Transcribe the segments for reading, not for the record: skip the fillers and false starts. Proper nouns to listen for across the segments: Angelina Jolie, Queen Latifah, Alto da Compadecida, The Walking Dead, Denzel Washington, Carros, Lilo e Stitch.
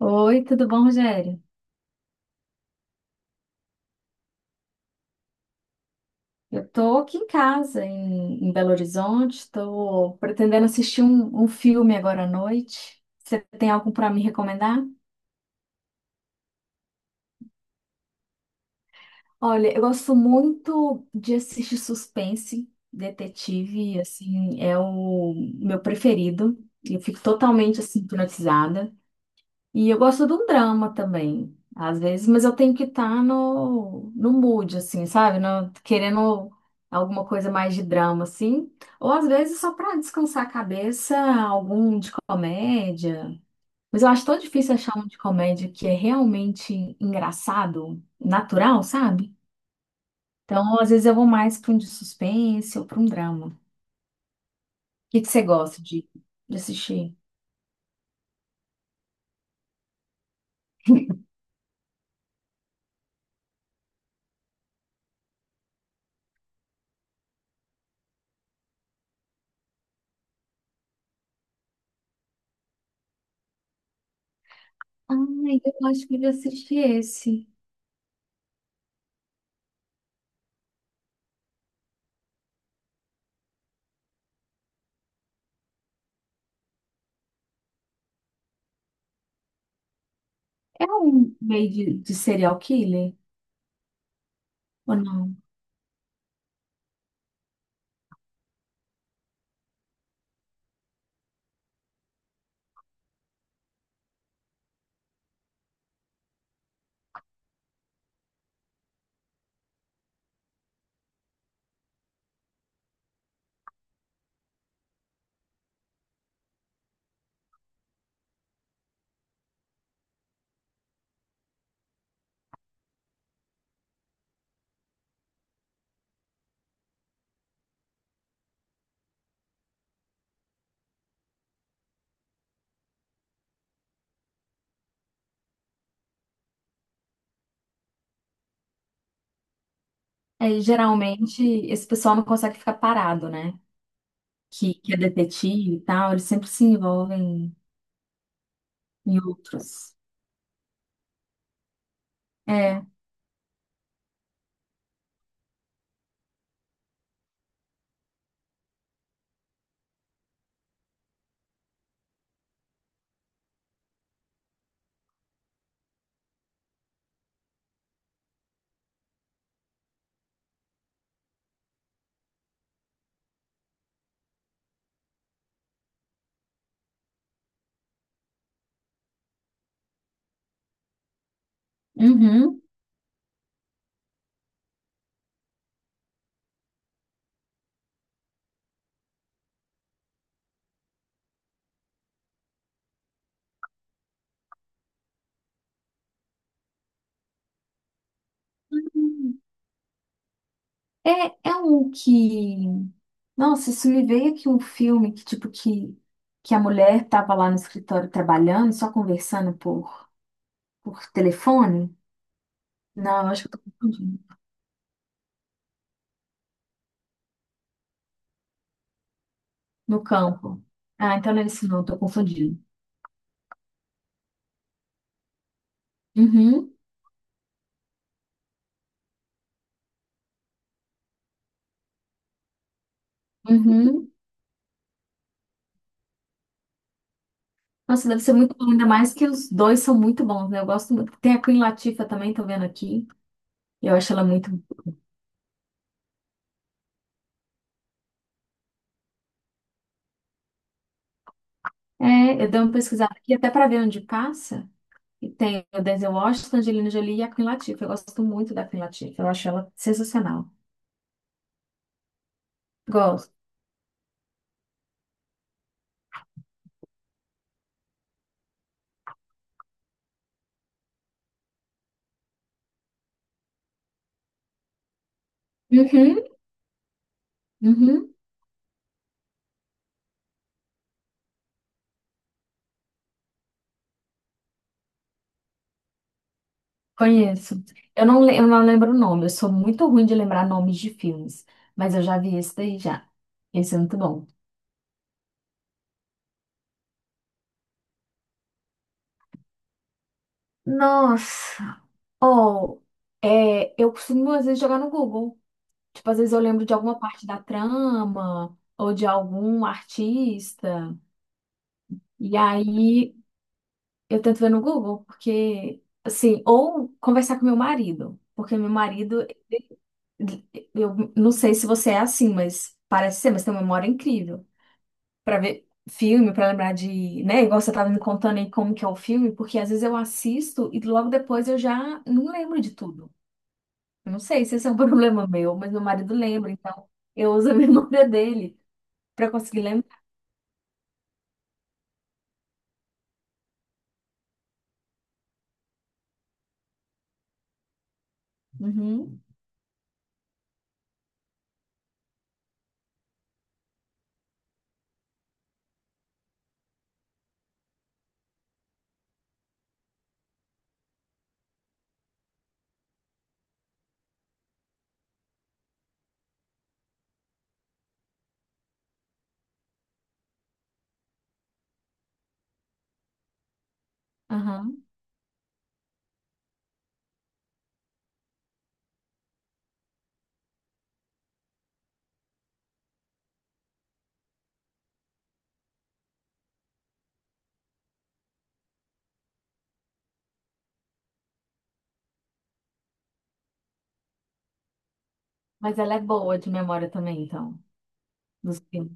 Oi, tudo bom, Rogério? Eu tô aqui em casa, em Belo Horizonte, tô pretendendo assistir um filme agora à noite. Você tem algum para me recomendar? Olha, eu gosto muito de assistir suspense, detetive, assim, é o meu preferido. Eu fico totalmente, assim, hipnotizada. E eu gosto de um drama também, às vezes, mas eu tenho que estar no mood, assim, sabe? Querendo alguma coisa mais de drama, assim. Ou às vezes só para descansar a cabeça, algum de comédia. Mas eu acho tão difícil achar um de comédia que é realmente engraçado, natural, sabe? Então, às vezes eu vou mais para um de suspense ou para um drama. O que que você gosta de assistir? Ai, eu acho que eu já assisti esse. É um meio de serial killer ou não? É, geralmente esse pessoal não consegue ficar parado, né? Que é detetive e tal, eles sempre se envolvem em outros. É, uhum. É, é um que. Nossa, isso me veio aqui um filme que, tipo, que a mulher tava lá no escritório trabalhando, só conversando por telefone. Não, eu acho que eu tô confundindo. No campo. Ah, então não é isso não, eu tô confundindo. Uhum, uhum. Nossa, deve ser muito bom, ainda mais que os dois são muito bons, né? Eu gosto muito. Tem a Queen Latifah também, tô vendo aqui. Eu acho ela muito. É, eu dei uma pesquisada aqui até para ver onde passa. E tem o Denzel Washington, Angelina Jolie e a Queen Latifah. Eu gosto muito da Queen Latifah. Eu acho ela sensacional. Gosto. Uhum, uhum, conheço. Eu não lembro o nome. Eu sou muito ruim de lembrar nomes de filmes. Mas eu já vi esse daí já. Esse é muito bom. Nossa. Oh, é, eu costumo às vezes jogar no Google. Tipo, às vezes eu lembro de alguma parte da trama ou de algum artista, e aí eu tento ver no Google, porque, assim, ou conversar com meu marido, porque meu marido, eu não sei se você é assim, mas parece ser, mas tem uma memória incrível. Pra ver filme, pra lembrar de, né, igual você tava me contando aí como que é o filme, porque às vezes eu assisto e logo depois eu já não lembro de tudo. Eu não sei se esse é um problema meu, mas meu marido lembra, então eu uso a memória dele. Pra conseguir lembrar. Uhum, aham. Mas ela é boa de memória também, então, dos filmes.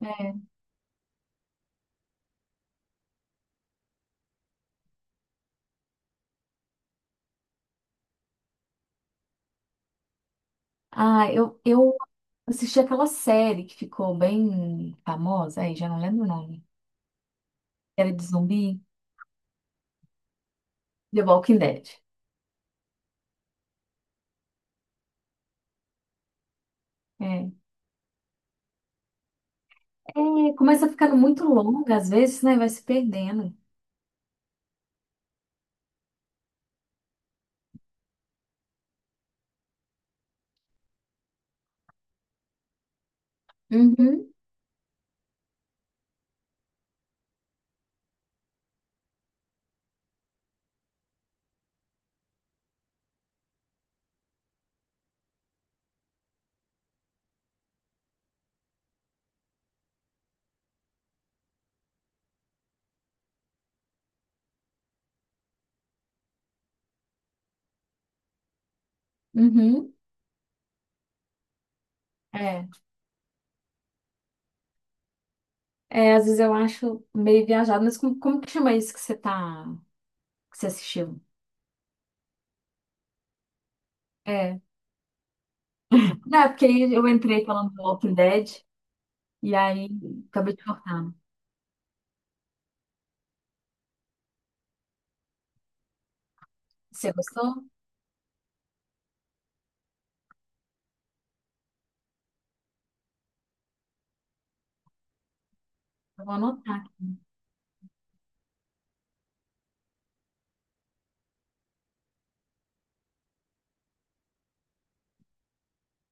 É. Ah, eu assisti aquela série que ficou bem famosa, aí já não lembro o nome. Era de zumbi, The Walking Dead. É. É, começa ficando muito longa às vezes, né? Vai se perdendo. Uhum, uhum. É. É, às vezes eu acho meio viajado, mas como que chama isso que você assistiu? É. Não, é porque aí eu entrei falando do Walking Dead e aí acabei de cortar. Você gostou? Eu vou anotar aqui.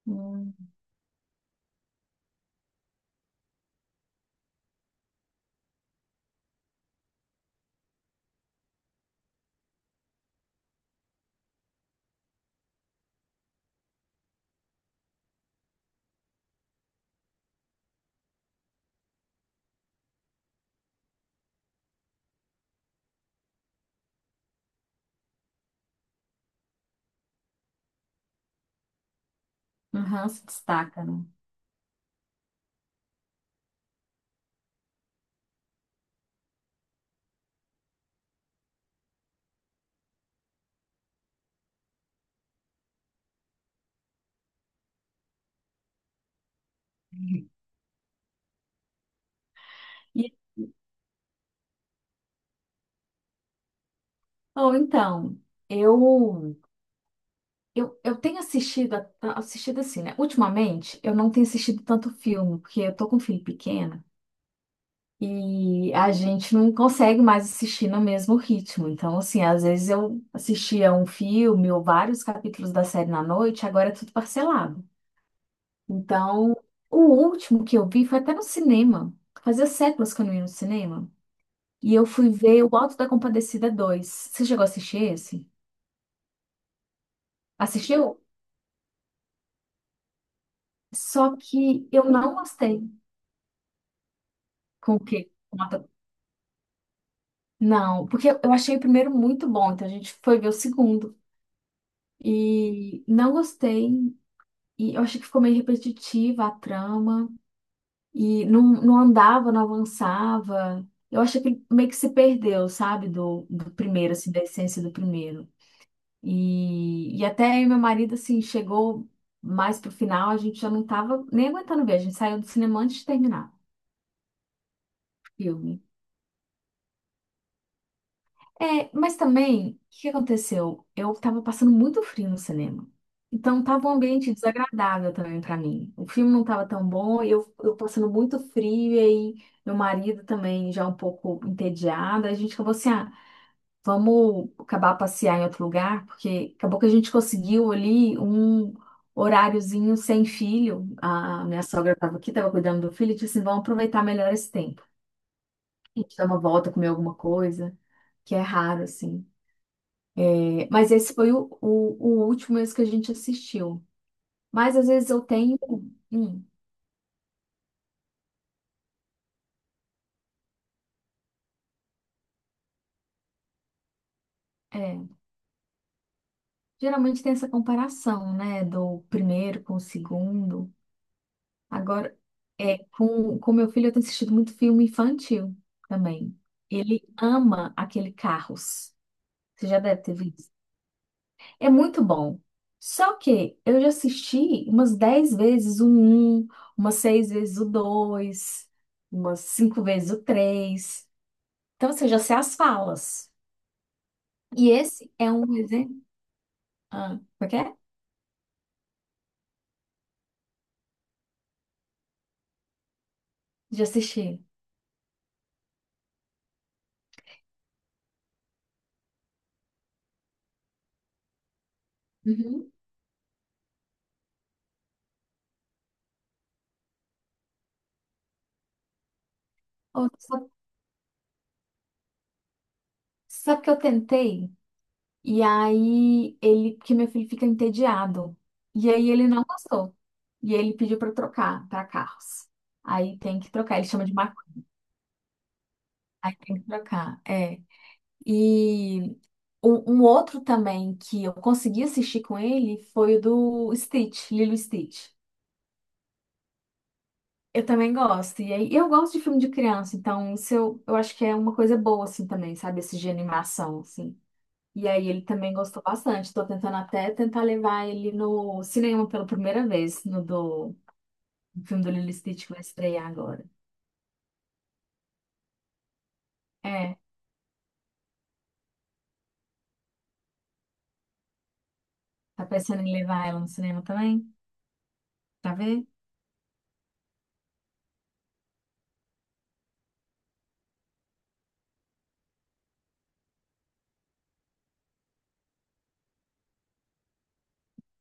Um, um ranço destaca, né? E, ou então, eu, eu tenho assistido, assistido assim, né? Ultimamente, eu não tenho assistido tanto filme, porque eu tô com um filho pequeno e a gente não consegue mais assistir no mesmo ritmo. Então, assim, às vezes eu assistia um filme ou vários capítulos da série na noite, agora é tudo parcelado. Então, o último que eu vi foi até no cinema. Fazia séculos que eu não ia no cinema. E eu fui ver o Alto da Compadecida dois. Você chegou a assistir esse? Assistiu? Só que eu não gostei. Com o quê? Não, porque eu achei o primeiro muito bom, então a gente foi ver o segundo. E não gostei. E eu achei que ficou meio repetitiva a trama. E não andava, não avançava. Eu achei que ele meio que se perdeu, sabe? Do primeiro, assim, da essência do primeiro. E até eu e meu marido, assim, chegou mais pro final, a gente já não tava nem aguentando ver, a gente saiu do cinema antes de terminar o filme. É, mas também, o que aconteceu? Eu tava passando muito frio no cinema. Então tava um ambiente desagradável também pra mim. O filme não tava tão bom, eu passando muito frio, e aí meu marido também já um pouco entediado, a gente acabou assim, ah, vamos acabar passear em outro lugar, porque acabou que a gente conseguiu ali um horáriozinho sem filho. A minha sogra estava aqui, estava cuidando do filho, e disse assim, vamos aproveitar melhor esse tempo. A gente dá uma volta, comer alguma coisa, que é raro, assim. É, mas esse foi o último mesmo que a gente assistiu. Mas às vezes eu tenho. hum, É, geralmente tem essa comparação, né? Do primeiro com o segundo. Agora, com meu filho eu tenho assistido muito filme infantil também. Ele ama aquele Carros. Você já deve ter visto. É muito bom. Só que eu já assisti umas 10 vezes o um, umas 6 vezes o dois, umas 5 vezes o três. Então, você já sei as falas. E esse é um exemplo. Ah, por quê? De assistir. Uhum. Ou- Sabe sabe que eu tentei? E aí ele, porque meu filho fica entediado. E aí ele não gostou. E aí ele pediu para trocar para carros. Aí tem que trocar, ele chama de macaco. Aí tem que trocar, é. E um outro também que eu consegui assistir com ele foi o do Stitch, Lilo e Stitch. Eu também gosto. E aí eu gosto de filme de criança, então isso eu acho que é uma coisa boa assim também, sabe? Esse de animação assim. E aí ele também gostou bastante. Estou tentando até tentar levar ele no cinema pela primeira vez, no filme do Lilo e Stitch que vai estrear agora. É, tá pensando em levar ela no cinema também? Pra ver?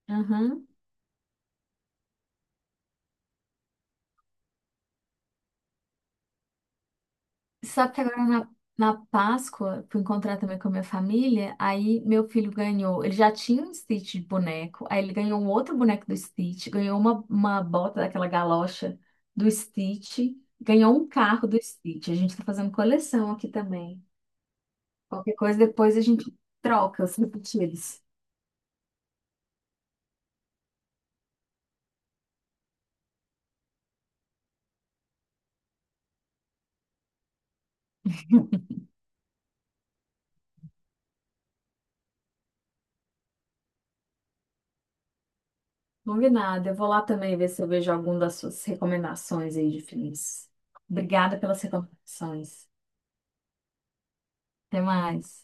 Aham. Só que agora na Páscoa, fui encontrar também com a minha família, aí meu filho ganhou, ele já tinha um Stitch de boneco, aí ele ganhou um outro boneco do Stitch, ganhou uma bota daquela galocha do Stitch, ganhou um carro do Stitch. A gente tá fazendo coleção aqui também. Qualquer coisa, depois a gente troca os repetidos. Combinado. Eu vou lá também ver se eu vejo algum das suas recomendações aí de filmes. Obrigada pelas recomendações. Até mais.